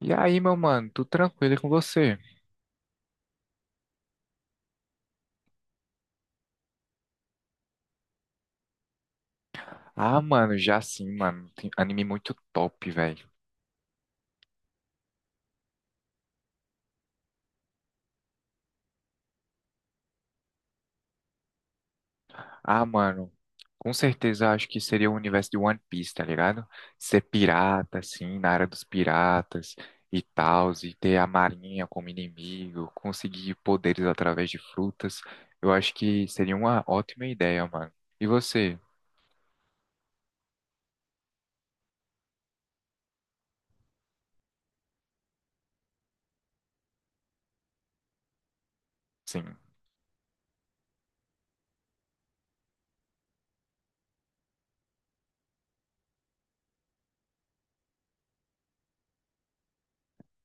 E aí, meu mano, tudo tranquilo e com você? Ah, mano, já sim, mano. Tem anime muito top, velho. Ah, mano, com certeza acho que seria o universo de One Piece, tá ligado? Ser pirata, assim, na área dos piratas e tal, e ter a marinha como inimigo, conseguir poderes através de frutas. Eu acho que seria uma ótima ideia, mano. E você? Sim.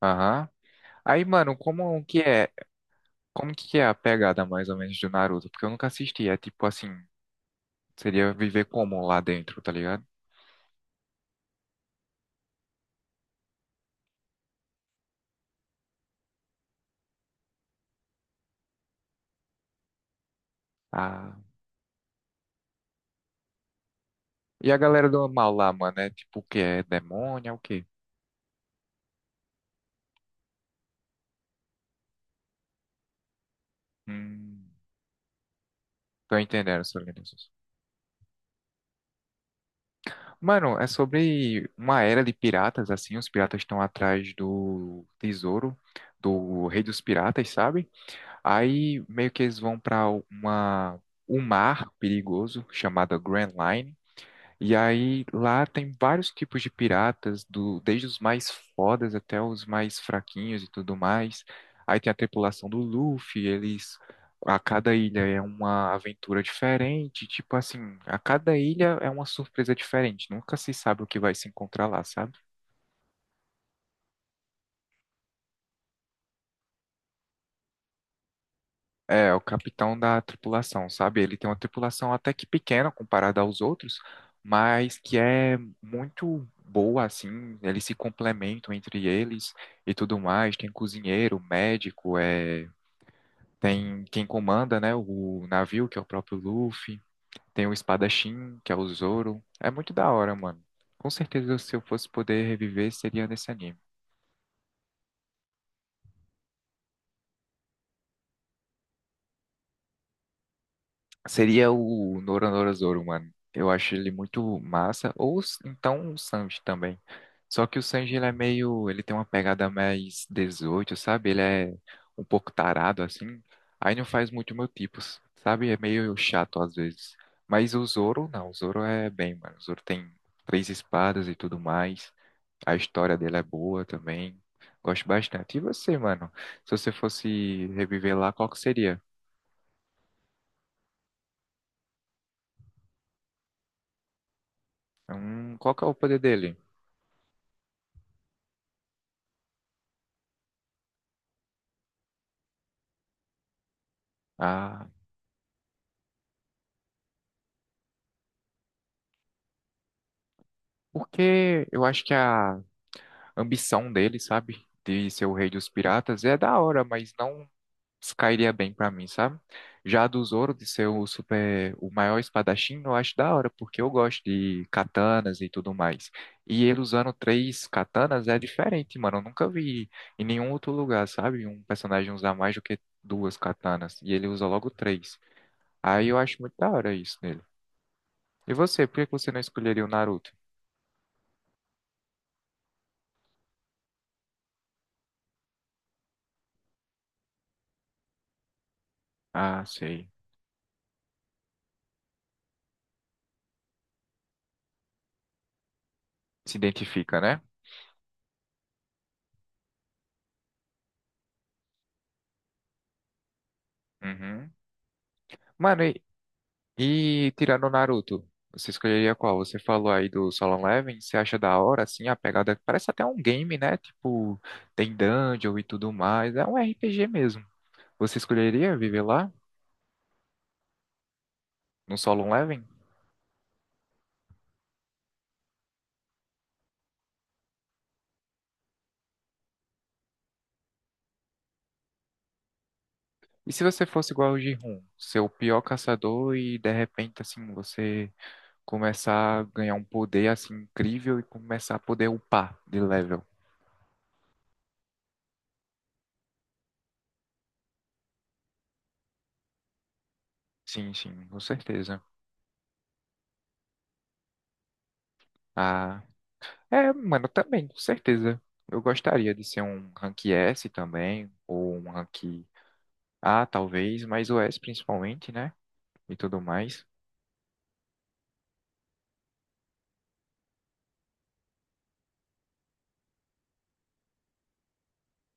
Aham. Aí, mano, como que é? Como que é a pegada mais ou menos do Naruto? Porque eu nunca assisti. É tipo assim. Seria viver como lá dentro, tá ligado? Ah. E a galera do mal lá, mano, é tipo o quê? É demônio, é o quê? Hum, tô entendendo essa organização. Mano, é sobre uma era de piratas, assim, os piratas estão atrás do tesouro do rei dos piratas, sabe? Aí meio que eles vão pra uma um mar perigoso chamado Grand Line. E aí lá tem vários tipos de piratas, desde os mais fodas até os mais fraquinhos e tudo mais. Aí tem a tripulação do Luffy, eles a cada ilha é uma aventura diferente, tipo assim, a cada ilha é uma surpresa diferente, nunca se sabe o que vai se encontrar lá, sabe? É, o capitão da tripulação, sabe? Ele tem uma tripulação até que pequena comparada aos outros, mas que é muito boa, assim. Eles se complementam entre eles e tudo mais. Tem cozinheiro, médico, é... tem quem comanda, né? O navio, que é o próprio Luffy. Tem o espadachim, que é o Zoro. É muito da hora, mano. Com certeza, se eu fosse poder reviver, seria nesse anime. Seria o Noronorozauro, mano. Eu acho ele muito massa. Ou então o Sanji também. Só que o Sanji, ele é meio. Ele tem uma pegada mais 18, sabe? Ele é um pouco tarado, assim. Aí não faz muito meu tipo, sabe? É meio chato às vezes. Mas o Zoro, não. O Zoro é bem, mano. O Zoro tem três espadas e tudo mais. A história dele é boa também. Gosto bastante. E você, mano? Se você fosse reviver lá, qual que seria? Qual que é o poder dele? Ah, porque eu acho que a ambição dele, sabe, de ser o rei dos piratas é da hora, mas não cairia bem pra mim, sabe? Já a do Zoro de ser o super, o maior espadachim, eu acho da hora, porque eu gosto de katanas e tudo mais. E ele usando três katanas é diferente, mano. Eu nunca vi em nenhum outro lugar, sabe? Um personagem usar mais do que duas katanas e ele usa logo três. Aí eu acho muito da hora isso nele. E você, por que que você não escolheria o Naruto? Ah, sei. Se identifica, né? Uhum. Mano, e tirando o Naruto, você escolheria qual? Você falou aí do Solo Leveling, você acha da hora, assim, a pegada? Parece até um game, né? Tipo, tem dungeon e tudo mais. É um RPG mesmo. Você escolheria viver lá, no Solo Leveling? E se você fosse igual o Jihun, ser o pior caçador e de repente, assim, você começar a ganhar um poder, assim, incrível e começar a poder upar de level? Sim, sim, com certeza. Ah. É, mano, também, com certeza. Eu gostaria de ser um rank S também, ou um rank A, talvez, mas o S principalmente, né? E tudo mais.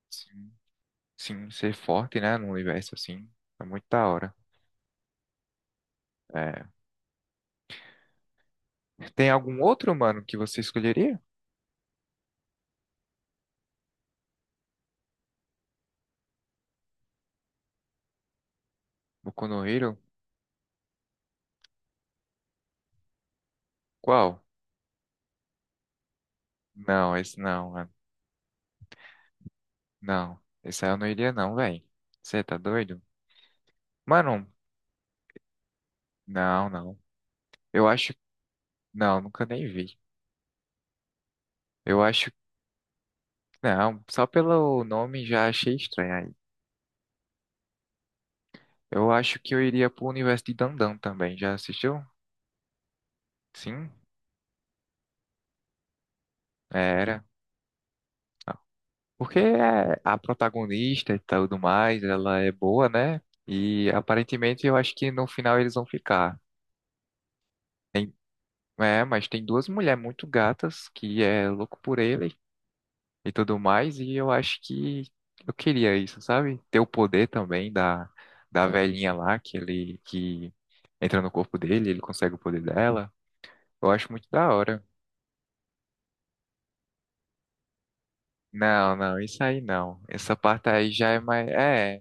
Sim, sim, ser forte, né? No universo, assim. É muito da hora. É. Tem algum outro, mano, que você escolheria? Boku no Hero? Qual? Não, esse não, mano. Não. Esse aí eu não iria, não, velho. Você tá doido? Mano, não, não. Eu acho. Não, nunca nem vi. Eu acho. Não, só pelo nome já achei estranho. Eu acho que eu iria pro universo de Dandan também. Já assistiu? Sim. É, era. Ah, porque é a protagonista e tudo mais, ela é boa, né? E aparentemente eu acho que no final eles vão ficar. Tem- é, mas tem duas mulheres muito gatas que é louco por ele e tudo mais, e eu acho que eu queria isso, sabe? Ter o poder também da velhinha lá que entra no corpo dele, ele consegue o poder dela. Eu acho muito da hora. Não, não, isso aí não. Essa parte aí já é mais. É.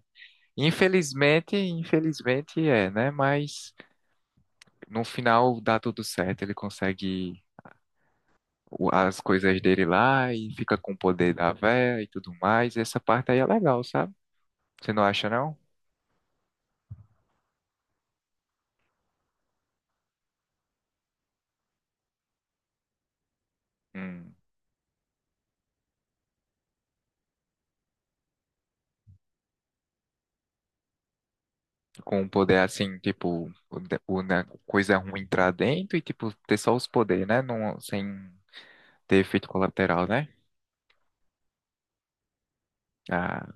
Infelizmente, infelizmente é, né? Mas no final dá tudo certo. Ele consegue as coisas dele lá e fica com o poder da véia e tudo mais. Essa parte aí é legal, sabe? Você não acha, não? Hum, com um poder assim, tipo, o, né, coisa ruim entrar dentro e, tipo, ter só os poderes, né? Não, sem ter efeito colateral, né? Ah,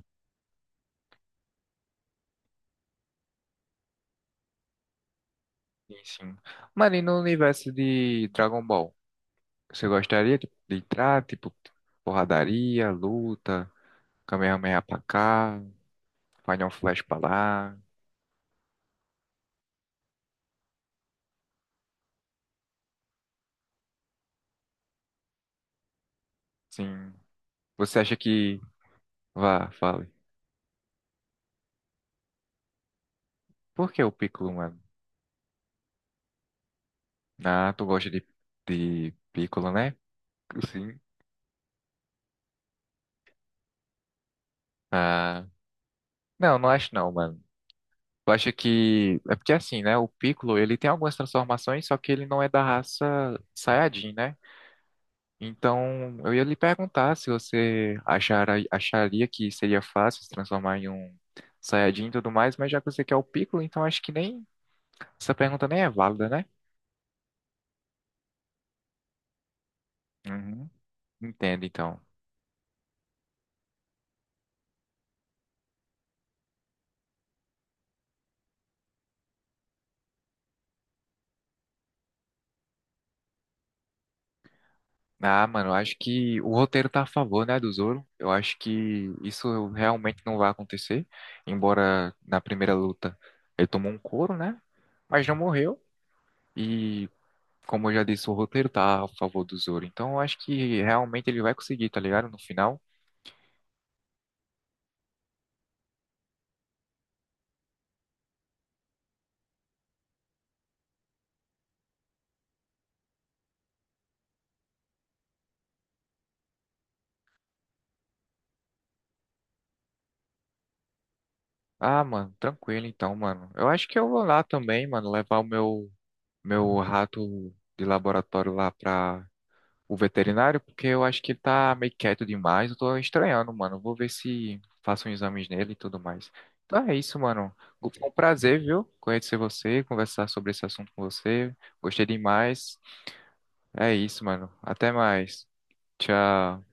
sim. Sim. Mano, e no universo de Dragon Ball? Você gostaria tipo, de entrar, tipo, porradaria, luta, Kamehameha pra cá, Final Flash pra lá, sim. Você acha que... Vá, fale. Por que o Piccolo, mano? Ah, tu gosta de Piccolo, né? Sim. Ah, não, não acho não, mano. Eu acho que... É porque assim, né? O Piccolo, ele tem algumas transformações, só que ele não é da raça Saiyajin, né? Então, eu ia lhe perguntar se você acharia que seria fácil se transformar em um Saiyajin e tudo mais, mas já que você quer o Piccolo, então acho que nem essa pergunta nem é válida, né? Uhum. Entendo, então. Ah, mano, eu acho que o roteiro tá a favor, né, do Zoro. Eu acho que isso realmente não vai acontecer, embora na primeira luta ele tomou um couro, né? Mas não morreu e como eu já disse, o roteiro tá a favor do Zoro. Então, eu acho que realmente ele vai conseguir, tá ligado? No final. Ah, mano, tranquilo então, mano. Eu acho que eu vou lá também, mano, levar o meu, meu rato de laboratório lá pra o veterinário, porque eu acho que ele tá meio quieto demais. Eu tô estranhando, mano. Vou ver se faço uns exames nele e tudo mais. Então é isso, mano. Foi um prazer, viu? Conhecer você, conversar sobre esse assunto com você. Gostei demais. É isso, mano. Até mais. Tchau.